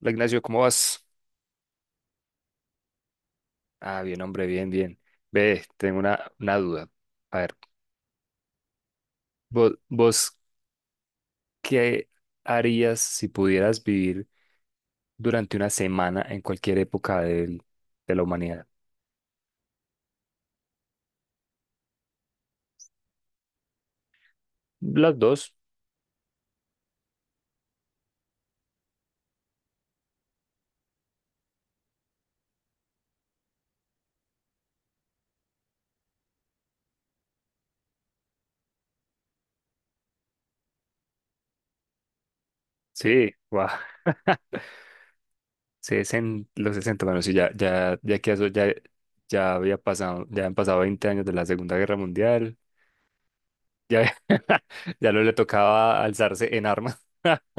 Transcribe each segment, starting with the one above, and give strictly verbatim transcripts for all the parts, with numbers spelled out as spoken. Hola, Ignacio, ¿cómo vas? Ah, bien, hombre, bien, bien. Ve, tengo una, una duda. A ver, vos, vos, ¿qué harías si pudieras vivir durante una semana en cualquier época del- de la humanidad? Las dos. Sí, guau. Sesen- los sesenta, bueno, sí, ya, ya, ya que eso ya, ya había pasado, ya han pasado veinte años de la Segunda Guerra Mundial, ya, ya no le tocaba alzarse en armas.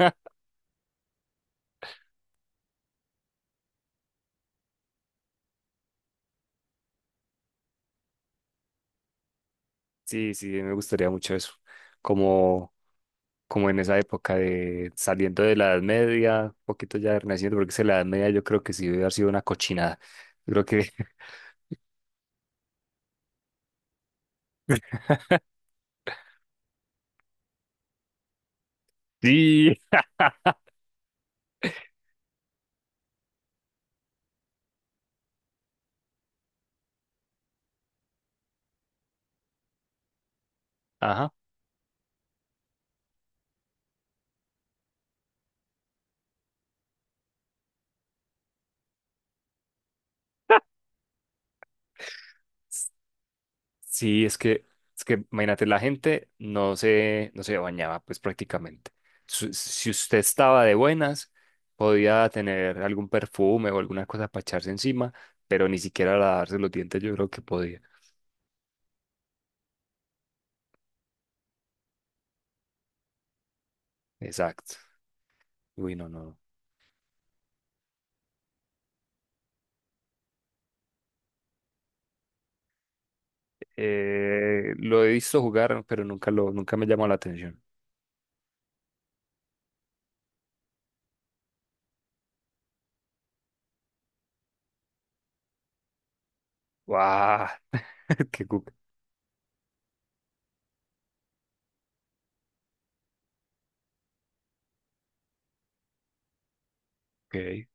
Sí, sí, me gustaría mucho eso. Como como en esa época de saliendo de la Edad Media, un poquito ya Renacimiento, porque es que la Edad Media yo creo que sí debe haber sido una cochinada. Yo creo que sí, ajá. Sí, es que, es que imagínate, la gente no se, no se bañaba, pues prácticamente. Su- Si usted estaba de buenas, podía tener algún perfume o alguna cosa para echarse encima, pero ni siquiera lavarse los dientes yo creo que podía. Exacto. Uy, no, no. No. Eh, lo he visto jugar, pero nunca lo, nunca me llamó la atención. ¡Guau! ¡Qué cuca! Ok.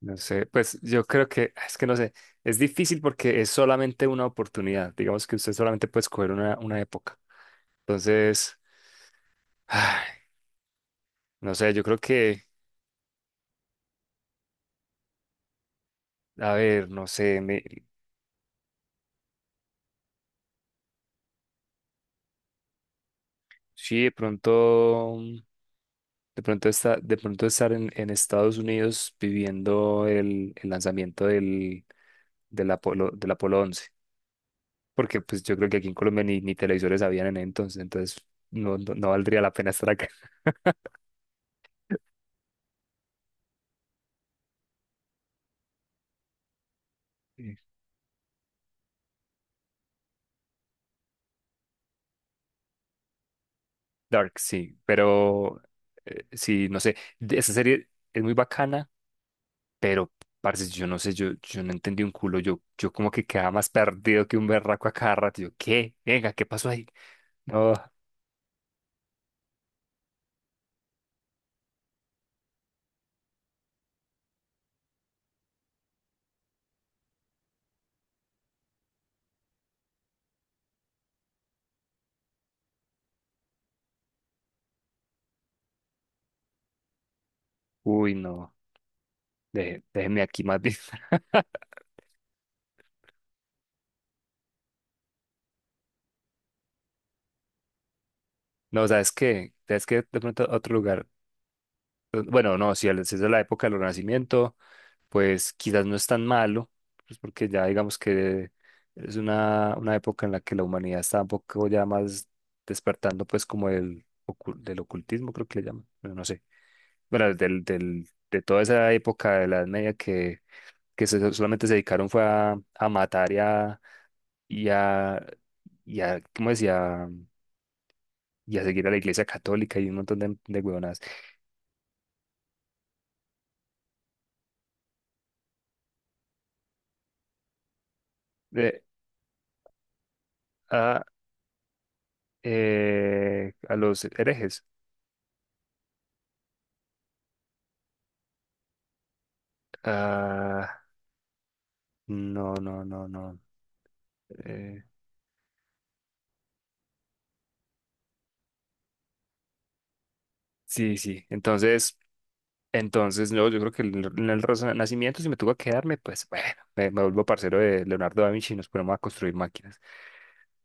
No sé, pues yo creo que, es que no sé, es difícil porque es solamente una oportunidad. Digamos que usted solamente puede escoger una, una época. Entonces, ay, no sé, yo creo que, a ver, no sé, me, sí, de pronto, de pronto está, de pronto estar en, en Estados Unidos viviendo el, el lanzamiento del, del Apolo, del Apolo once, porque pues yo creo que aquí en Colombia ni, ni televisores habían en ese entonces, entonces no, no, no valdría la pena estar acá. Dark, sí, pero eh, sí, no sé, de- esa serie es muy bacana, pero parce, yo no sé, yo, yo no entendí un culo, yo, yo como que quedaba más perdido que un berraco a cada rato, yo, ¿qué? Venga, ¿qué pasó ahí? No, uy, no, dé- déjeme aquí más bien. No, ¿sabes qué? ¿Sabes qué? De pronto otro lugar pues, bueno, no, si el- si es de la época del Renacimiento, pues quizás no es tan malo, pues porque ya digamos que es una, una época en la que la humanidad está un poco ya más despertando, pues como el, ocu- del ocultismo, creo que le llaman, bueno, no sé. Bueno, del, del, de toda esa época de la Edad Media que, que se- solamente se dedicaron fue a, a matar y a, y a, y a, ¿cómo decía? Y a seguir a la Iglesia Católica y un montón de, de huevonadas. Eh, ah, eh, a los herejes. Ah, no, no, no, no. Eh, sí, sí. Entonces, entonces, no, yo creo que en el- en el Renacimiento, si me tuvo que quedarme, pues bueno, me, me vuelvo parcero de Leonardo da Vinci y nos ponemos a construir máquinas.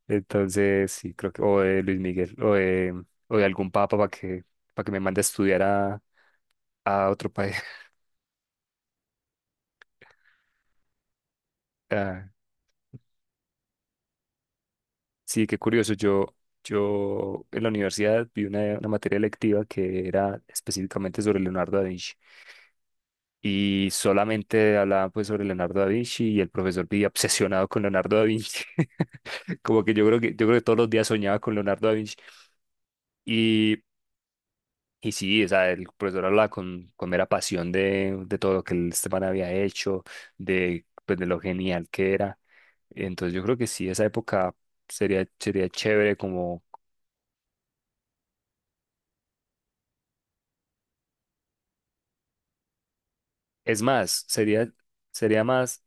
Entonces, sí, creo que, o de Luis Miguel, o de, o de algún papa para que, para que me mande a estudiar a, a otro país. Sí, qué curioso. Yo, yo en la universidad vi una, una materia electiva que era específicamente sobre Leonardo da Vinci y solamente hablaban pues sobre Leonardo da Vinci y el profesor vivía obsesionado con Leonardo da Vinci. Como que yo creo que yo creo que todos los días soñaba con Leonardo da Vinci y y sí, o sea, el profesor hablaba con, con mera pasión de, de todo lo que el Esteban había hecho, de pues de lo genial que era. Entonces yo creo que sí, esa época sería sería chévere como. Es más, sería, sería más,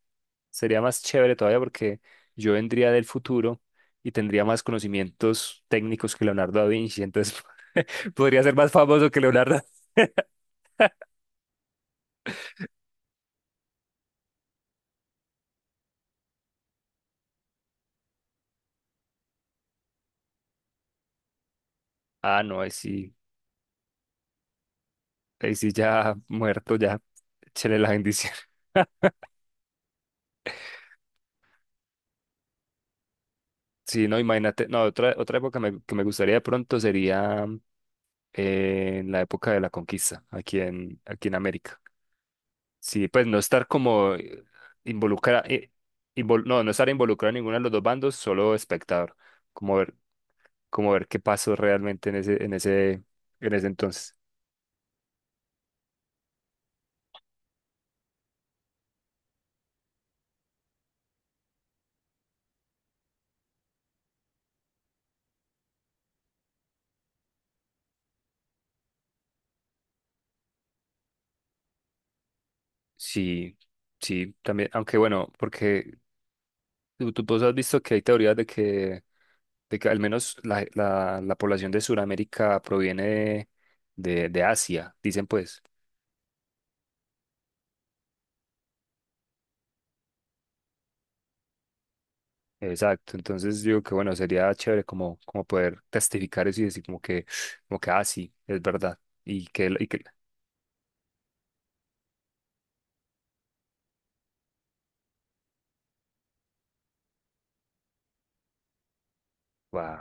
sería más chévere todavía porque yo vendría del futuro y tendría más conocimientos técnicos que Leonardo da Vinci, entonces podría ser más famoso que Leonardo. Ah, no, ahí sí, ahí sí ya muerto, ya, échale la bendición. Sí, no, imagínate, no, otra, otra época me- que me gustaría de pronto sería eh, en la época de la conquista, aquí en, aquí en América. Sí, pues no estar como involucrado, no, no estar involucrado en ninguno de los dos bandos, solo espectador, como ver, como ver qué pasó realmente en ese, en ese, en ese entonces. Sí, sí, también, aunque bueno, porque tú, tú vos has visto que hay teorías de que, de que al menos la, la, la población de Sudamérica proviene de, de, de Asia, dicen pues. Exacto, entonces digo que bueno, sería chévere como, como poder testificar eso y decir como que, como que, ah, sí, es verdad, y que, y que, wow.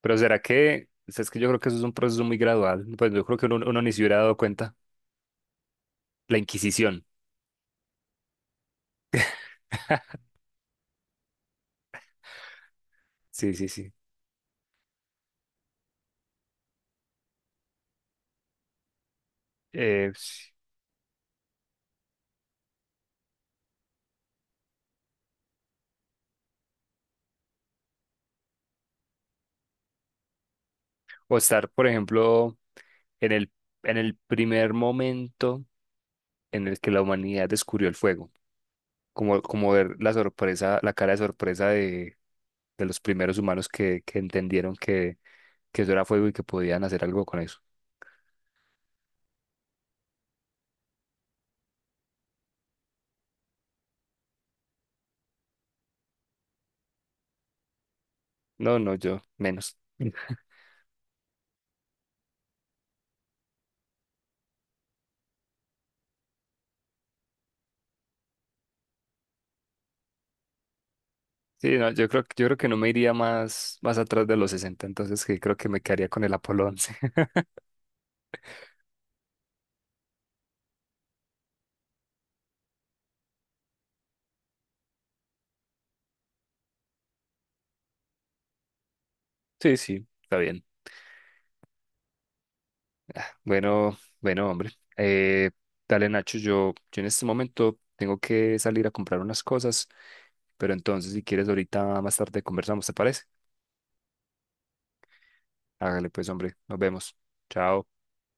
Pero será que, o sea, es que yo creo que eso es un proceso muy gradual, pues yo creo que uno, uno ni se hubiera dado cuenta, la Inquisición, sí, sí, sí. Eh, sí. O estar, por ejemplo, en el, en el primer momento en el que la humanidad descubrió el fuego, como, como ver la sorpresa, la cara de sorpresa de, de los primeros humanos que, que entendieron que que yo era fuego y que podían hacer algo con eso. No, no, yo menos. Sí, no, yo creo, que- yo creo que no me iría más, más atrás de los sesenta entonces que creo que me quedaría con el Apolo once. Sí, sí, está bien. Bueno, bueno, hombre. Eh, dale, Nacho, yo, yo en este momento tengo que salir a comprar unas cosas, pero entonces si quieres ahorita más tarde conversamos, ¿te parece? Hágale pues, hombre, nos vemos. Chao.